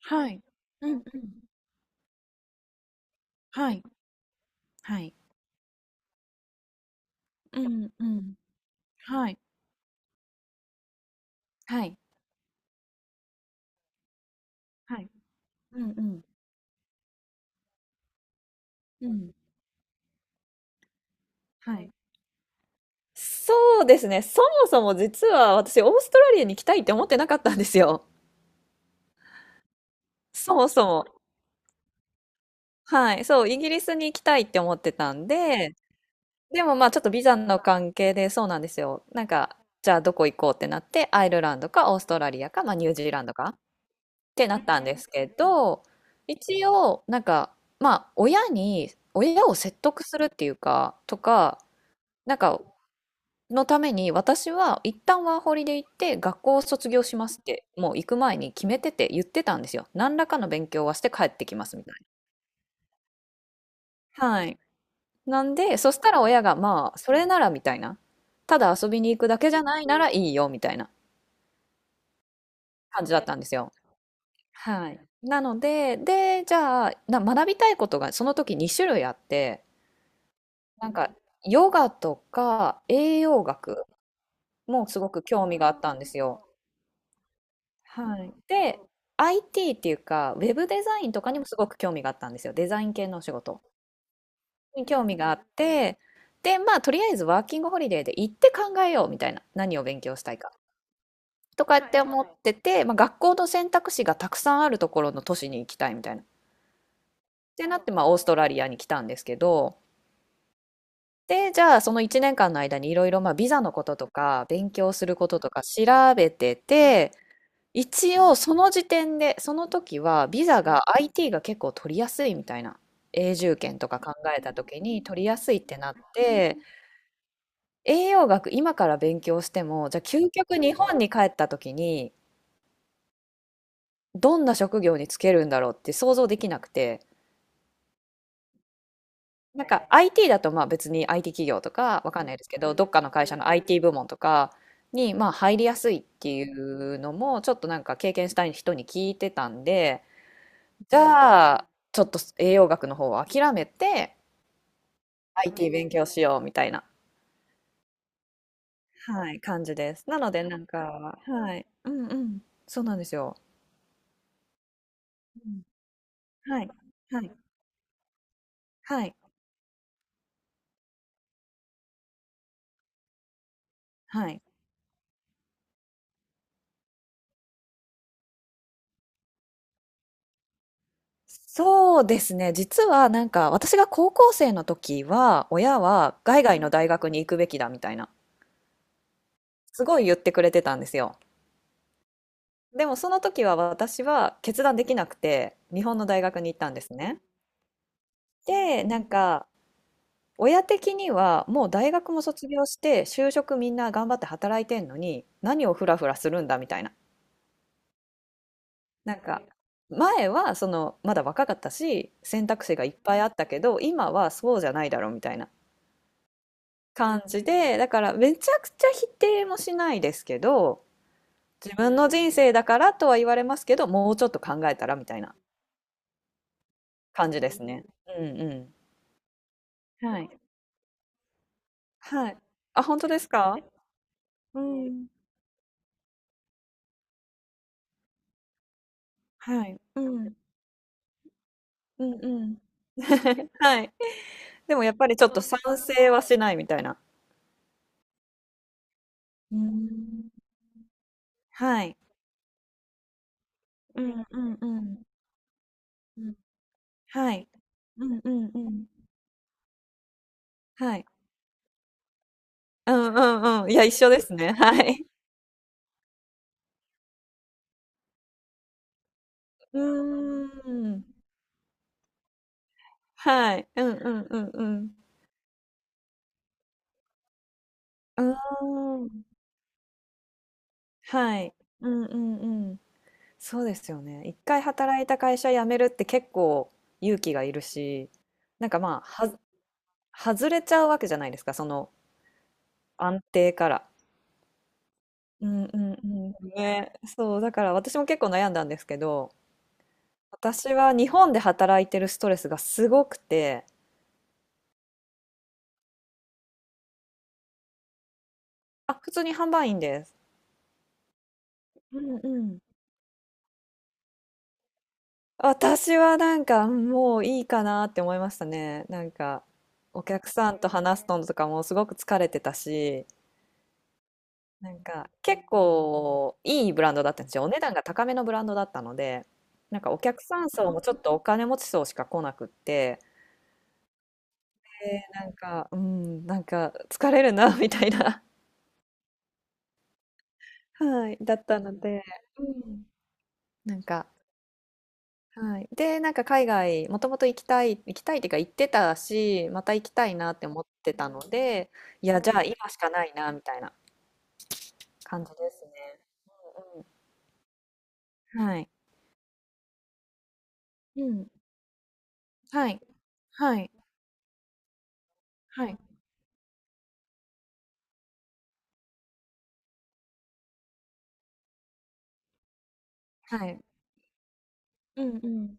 はい。うんうん。はい。はい。うんうん。はい。はい。はい。うんうん。うん。はい。そうですね。そもそも実は私、オーストラリアに行きたいって思ってなかったんですよ。そもそも。はい。そう、イギリスに行きたいって思ってたんで、でもまあちょっとビザの関係でそうなんですよ。なんか、じゃあどこ行こうってなって、アイルランドかオーストラリアか、まあニュージーランドか。てなったんですけど、一応、なんか、まあ、親に、親を説得するっていうか、とか、なんか、のために、私は一旦ワーホリで行って、学校を卒業しますって、もう行く前に決めてて言ってたんですよ。何らかの勉強はして帰ってきますみたいな。はい。なんで、そしたら親が、まあ、それならみたいな。ただ遊びに行くだけじゃないならいいよみたいな感じだったんですよ。はい。なので、で、じゃあ、学びたいことがその時2種類あって、なんか、ヨガとか栄養学もすごく興味があったんですよ。はい。で、IT っていうか、ウェブデザインとかにもすごく興味があったんですよ。デザイン系のお仕事に興味があって、で、まあ、とりあえずワーキングホリデーで行って考えようみたいな、何を勉強したいかとかって思ってて、まあ、学校の選択肢がたくさんあるところの都市に行きたいみたいな。ってなって、まあ、オーストラリアに来たんですけど、で、じゃあその1年間の間にいろいろまあビザのこととか勉強することとか調べてて、一応その時点で、その時はビザが IT が結構取りやすいみたいな。永住権とか考えた時に取りやすいってなって、栄養学今から勉強しても、じゃあ究極日本に帰った時にどんな職業に就けるんだろうって想像できなくて、なんか IT だとまあ別に IT 企業とかわかんないですけど、どっかの会社の IT 部門とかにまあ入りやすいっていうのもちょっとなんか経験したい人に聞いてたんで、じゃあちょっと栄養学の方を諦めて IT 勉強しようみたいな、はい、感じです。なのでなんか、はい、うんうん、そうなんですよ。うんはい、はい、はい、はい。そうですね。実はなんか私が高校生の時は親は海外の大学に行くべきだみたいな、すごい言ってくれてたんですよ。でもその時は私は決断できなくて日本の大学に行ったんですね。で、なんか親的にはもう大学も卒業して就職みんな頑張って働いてんのに何をフラフラするんだみたいな。なんか前はそのまだ若かったし選択肢がいっぱいあったけど今はそうじゃないだろうみたいな感じで、だからめちゃくちゃ否定もしないですけど、自分の人生だからとは言われますけど、もうちょっと考えたらみたいな感じですね。うんうん。はい。はい。あ、本当ですか？うん。はい。うん。うんうん。はい。でもやっぱりちょっと賛成はしないみたいな。うん。はい。うんうんうん。うん。はい。うんうんうん。はい。うんうんうん。いや、一緒ですね。はい。うーん。はい。うんうんうんうん。うーん。はい。うんうんうん。そうですよね。一回働いた会社辞めるって結構勇気がいるし、なんかまあ、外れちゃうわけじゃないですか、その安定から。うんうんうん。ね。そう、だから私も結構悩んだんですけど、私は日本で働いてるストレスがすごくて、あ、普通に販売員です。うんうん。私はなんか、うん、もういいかなって思いましたね。なんかお客さんと話すのとかもすごく疲れてたし、なんか結構いいブランドだったんですよ。お値段が高めのブランドだったので、なんかお客さん層もちょっとお金持ち層しか来なくって、で、なんか、うん、なんか疲れるな みたいな、はい、だったので、うん、なんか、はい。で、なんか海外、もともと行きたい、行きたいっていうか行ってたし、また行きたいなって思ってたので、いや、じゃあ今しかないな、みたいな感じですね。はい。うん。はい。はい。はい。はい。うんうん。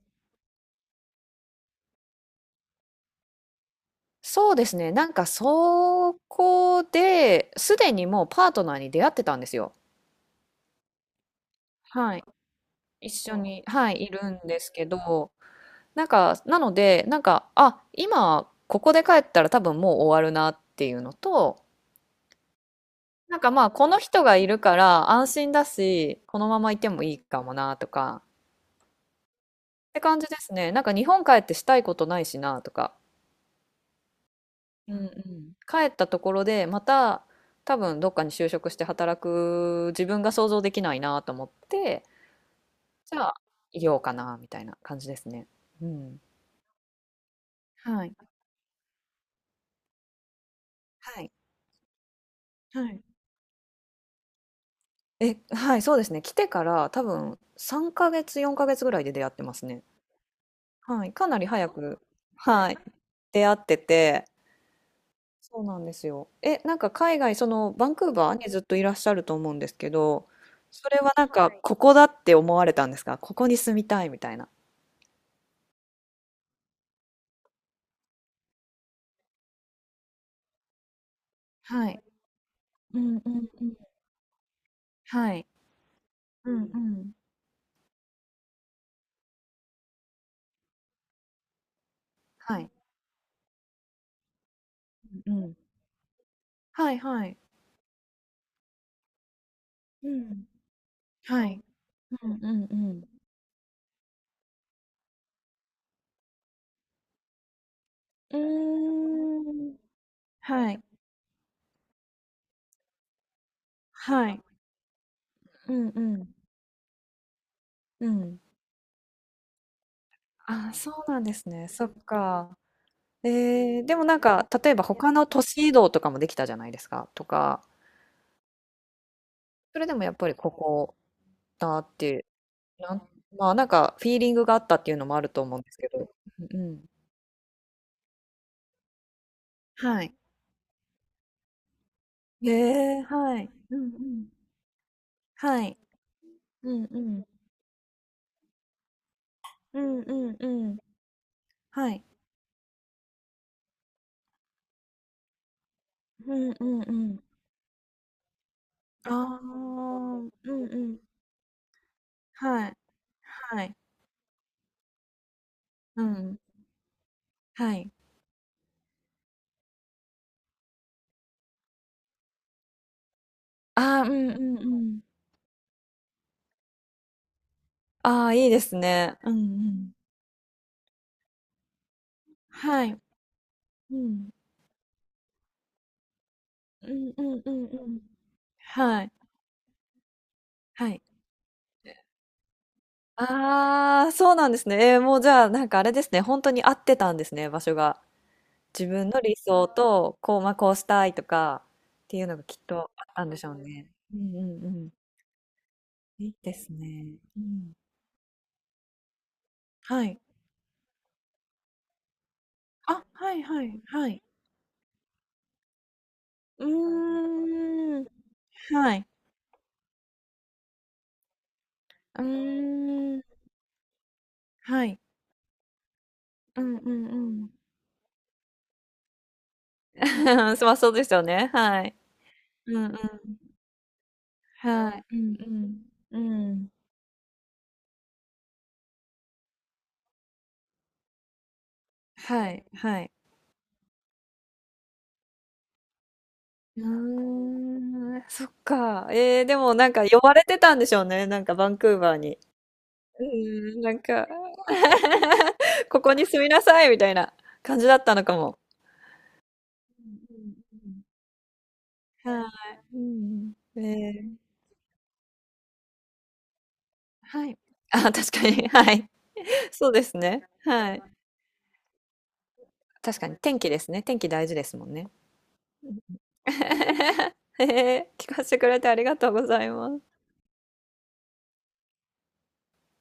そうですね。なんかそこで、すでにもうパートナーに出会ってたんですよ。はい。一緒に、はい、いるんですけど、なんか、なので、なんか、あ、今、ここで帰ったら多分もう終わるなっていうのと、なんかまあ、この人がいるから安心だし、このままいてもいいかもなとか、って感じですね。なんか日本帰ってしたいことないしなとか。うんうん。帰ったところで、また多分どっかに就職して働く自分が想像できないなと思って、じゃあ、いようかなみたいな感じですね。うん。はい。はい。はい。え、はい、そうですね。来てから多分3ヶ月、4ヶ月ぐらいで出会ってますね。はい。かなり早く、はい、出会ってて、そうなんですよ。え、なんか海外、そのバンクーバーにずっといらっしゃると思うんですけど、それはなんかここだって思われたんですか？ここに住みたいみたいな。はい。うんうん。はい。うんうん。はい。うん。はいはい。うん。はい。うんうんうん。うーん。はい。はい。うんうん。うん。あ、そうなんですね。そっか。えー、でもなんか、例えば他の都市移動とかもできたじゃないですか。とか、それでもやっぱりここたっていう、なん、まあ、なんかフィーリングがあったっていうのもあると思うんですけど。うんうん。はい。へえ、はい。うんうん。はい。うんうん。うんうんうん。はい。うんうんうん。ああ、うんうん。はい。はい。うん。はい。ああ、うんうんうん。ああ、いいですね。うんうん。はい。うん。うんうんうんうん。はい。はい。ああ、そうなんですね。ええ、もうじゃあ、なんかあれですね、本当に合ってたんですね、場所が。自分の理想と、こう、まあ、こうしたいとかっていうのがきっとあったんでしょうね。うんうんうん。いいですね。うん。はい。あ、はいはいはい。うーん。はい。うーん。はい。うんうんうん。まあそうですよね、はい。うんうん。はい。うんうん。うん。はいはい。うーん、そっか。えー、でもなんか呼ばれてたんでしょうね、なんかバンクーバーに。うーん、なんか ここに住みなさいみたいな感じだったのかも。うんうんうん。はい。うんうん。えー、はい。あ、確かに、はい。そうですね。はい。確かに天気ですね。天気大事ですもんね。えー、聞かせてくれてありがとうございます。